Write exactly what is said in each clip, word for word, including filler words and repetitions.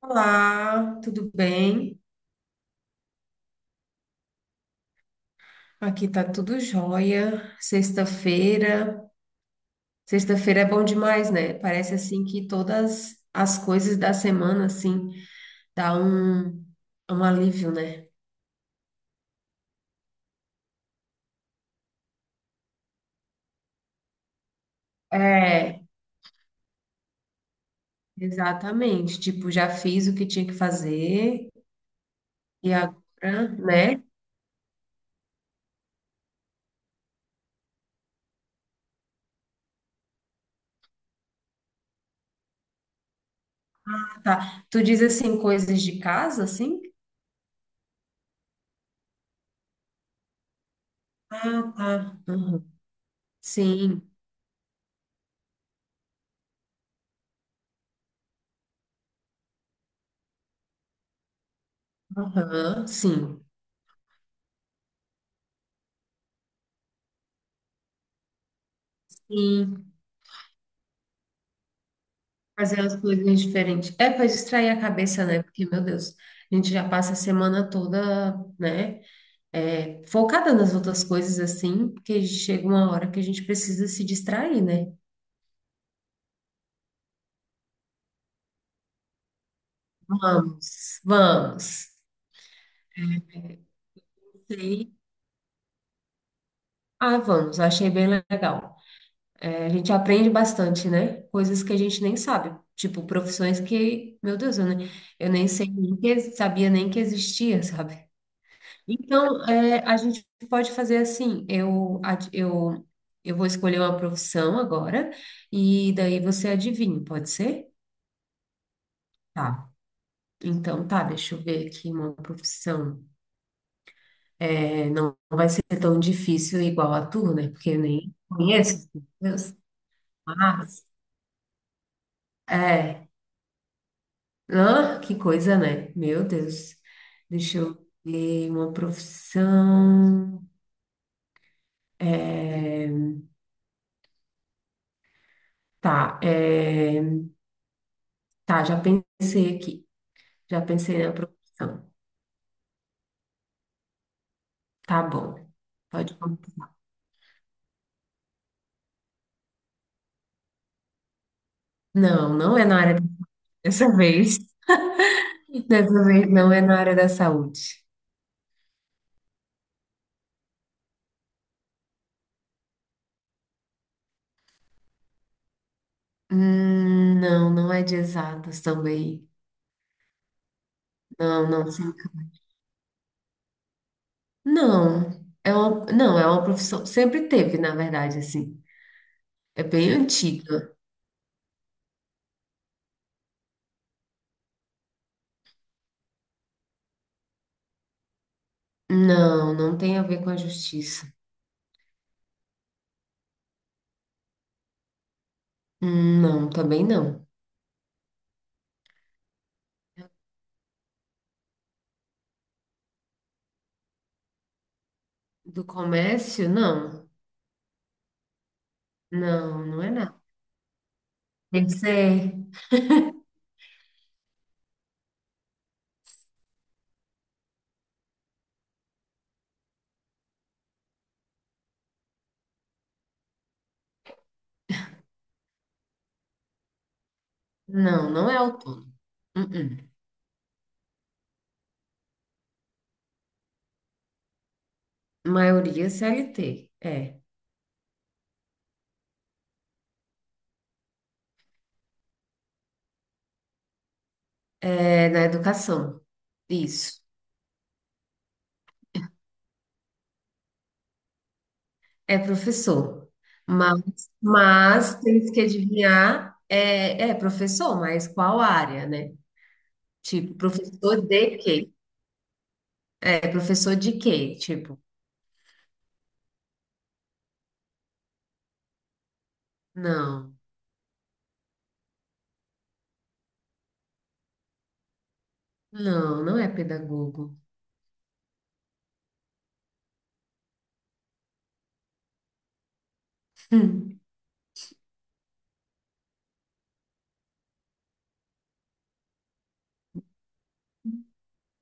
Olá, tudo bem? Aqui tá tudo jóia. Sexta-feira. Sexta-feira é bom demais, né? Parece assim que todas as coisas da semana assim dá um um alívio, né? É, exatamente. Tipo, já fiz o que tinha que fazer e agora, né? Tá. Tu diz assim coisas de casa assim? Ah, tá. Uhum. Sim. Aham, sim. Sim. Fazer as coisas diferentes. É para distrair a cabeça, né? Porque, meu Deus, a gente já passa a semana toda, né? É, focada nas outras coisas, assim, porque chega uma hora que a gente precisa se distrair, né? Vamos, vamos. É, sei. Ah, vamos, achei bem legal. É, a gente aprende bastante, né? Coisas que a gente nem sabe. Tipo, profissões que, meu Deus, eu nem, eu nem sei nem que, sabia nem que existia, sabe? Então, é, a gente pode fazer assim, eu, ad- eu, eu vou escolher uma profissão agora, e daí você adivinha, pode ser? Tá. Então, tá, deixa eu ver aqui uma profissão. É, não vai ser tão difícil igual a tua, né? Porque eu nem conheço. Meu Deus. Mas, é. Ah, que coisa, né? Meu Deus. Deixa eu ver uma profissão. É, tá, é, tá, já pensei aqui. Já pensei na profissão. Tá bom. Pode começar. Não, não é na área dessa vez. Dessa vez não é na área da saúde. Hum, não, não é de exatas também. Não, não. se enca- Não, é uma, não, é uma profissão. Sempre teve, na verdade, assim. É bem antiga. Não, não tem a ver com a justiça. Hum, Não, também não. Do comércio, não. Não, não é nada. Tem que ser. Não, não é autônomo. Uh-uh. Maioria C L T, é. É na educação. Isso. É professor. Mas, mas temos que adivinhar, é, é professor, mas qual área, né? Tipo, professor de quê? É, professor de quê? Tipo, não, não, não é pedagogo.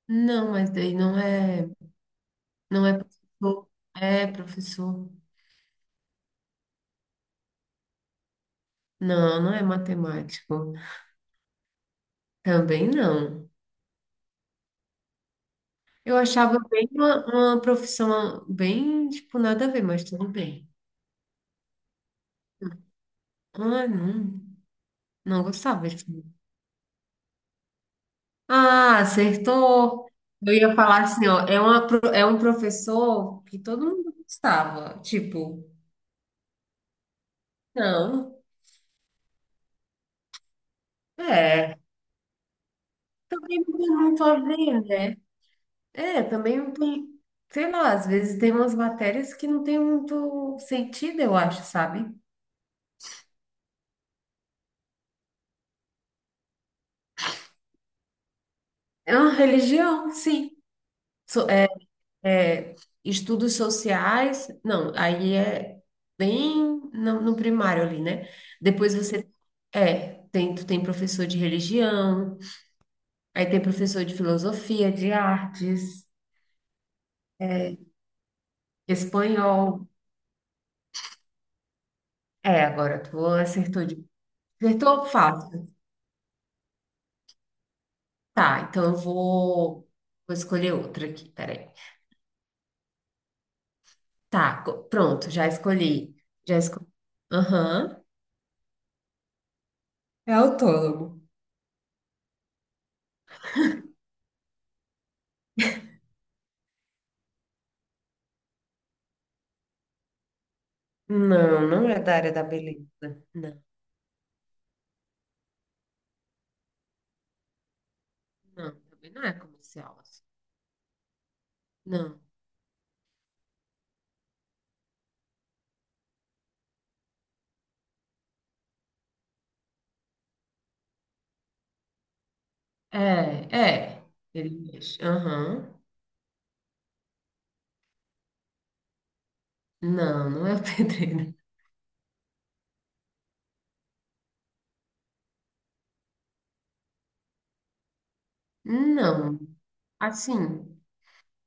Hum, não, mas daí não é, não é professor. É professor. Não, não é matemático. Também não. Eu achava bem uma, uma profissão bem, tipo, nada a ver, mas tudo bem. Ah, não, não gostava. Tipo. Ah, acertou. Eu ia falar assim, ó, é uma, pro- é um professor que todo mundo gostava. Tipo, não, é. Também não tem muito a ver, né? É, também não tem, sei lá, às vezes tem umas matérias que não tem muito sentido, eu acho, sabe? É uma religião, sim. É, estudos sociais, não, aí é bem no, no primário ali, né? Depois você é, tem, tu tem professor de religião, aí tem professor de filosofia, de artes, é, espanhol. É, agora tu acertou de acertou fácil. Tá, então eu vou vou escolher outra aqui, peraí. Tá, co- pronto, já escolhi. Já escolhi. Aham. É autônomo. Não, não é da área da beleza. Não. Não, também não é comercial, assim. Não. É, é. Ele mexe. Aham. Não, não é o pedreiro. Não. Assim,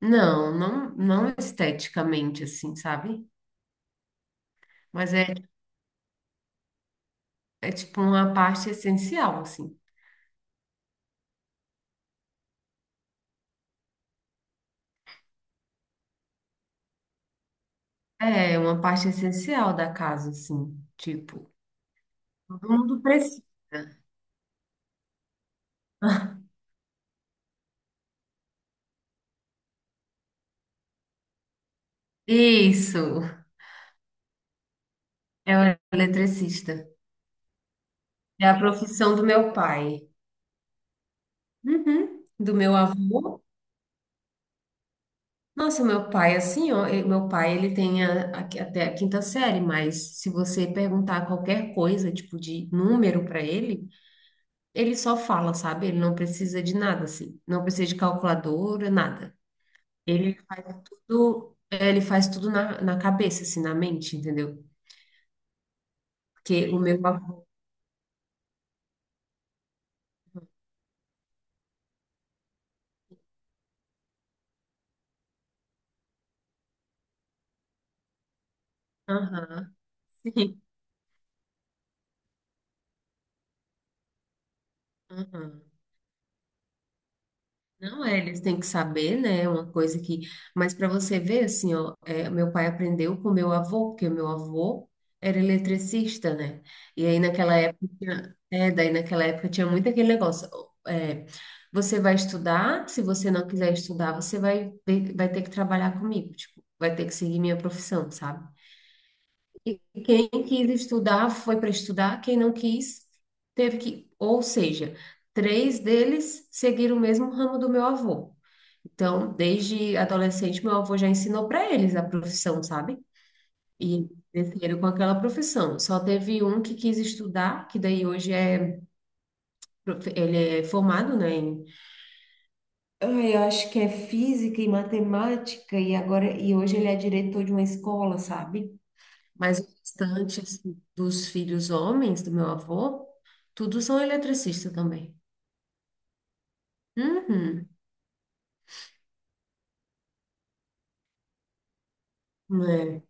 não, não, não esteticamente, assim, sabe? Mas é, é tipo uma parte essencial, assim. É uma parte essencial da casa, assim. Tipo, todo mundo precisa. Isso, é o eletricista. É a profissão do meu pai. Uhum. Do meu avô. Nossa, meu pai, assim, ó, e- meu pai, ele tem a- a- até a quinta série, mas se você perguntar qualquer coisa, tipo, de número para ele, ele só fala, sabe? Ele não precisa de nada, assim, não precisa de calculadora, nada. Ele faz tudo, é, ele faz tudo na, na, cabeça, assim, na mente, entendeu? Porque o meu... avô- Aham, sim, aham. Não é, eles têm que saber, né? É uma coisa que. Mas para você ver, assim, ó, é, meu pai aprendeu com meu avô, porque meu avô era eletricista, né? E aí naquela época, tinha- é, daí naquela época tinha muito aquele negócio. É, você vai estudar, se você não quiser estudar, você vai, ter- vai ter que trabalhar comigo, tipo, vai ter que seguir minha profissão, sabe? E quem quis estudar foi para estudar, quem não quis teve que. Ou seja, três deles seguiram o mesmo ramo do meu avô. Então, desde adolescente, meu avô já ensinou para eles a profissão, sabe? E desceram com aquela profissão. Só teve um que quis estudar, que daí hoje é, prof- ele é formado, né, em- ai, eu acho que é física e matemática e agora e hoje ele é diretor de uma escola, sabe? Mas o restante assim, dos filhos homens do meu avô, todos são eletricistas também. Uhum. É.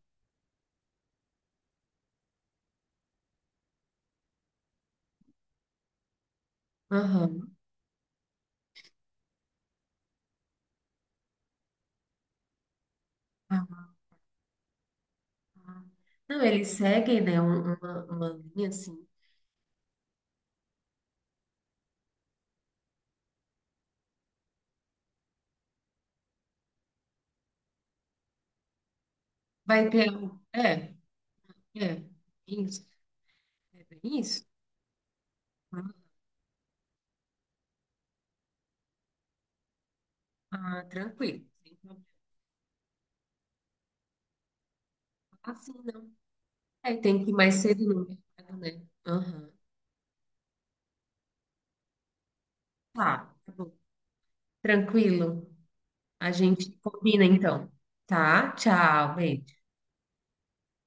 Aham. Ah. Não, eles seguem, né, um- uma, uma linha assim. Vai ter. um, É, é. Isso. É bem isso? Ah, ah, tranquilo. Sem problema assim, não. É, tem que ir mais cedo no mercado, né? Aham. Tá, tá bom. Tranquilo. A gente combina então. Tá? Tchau, beijo.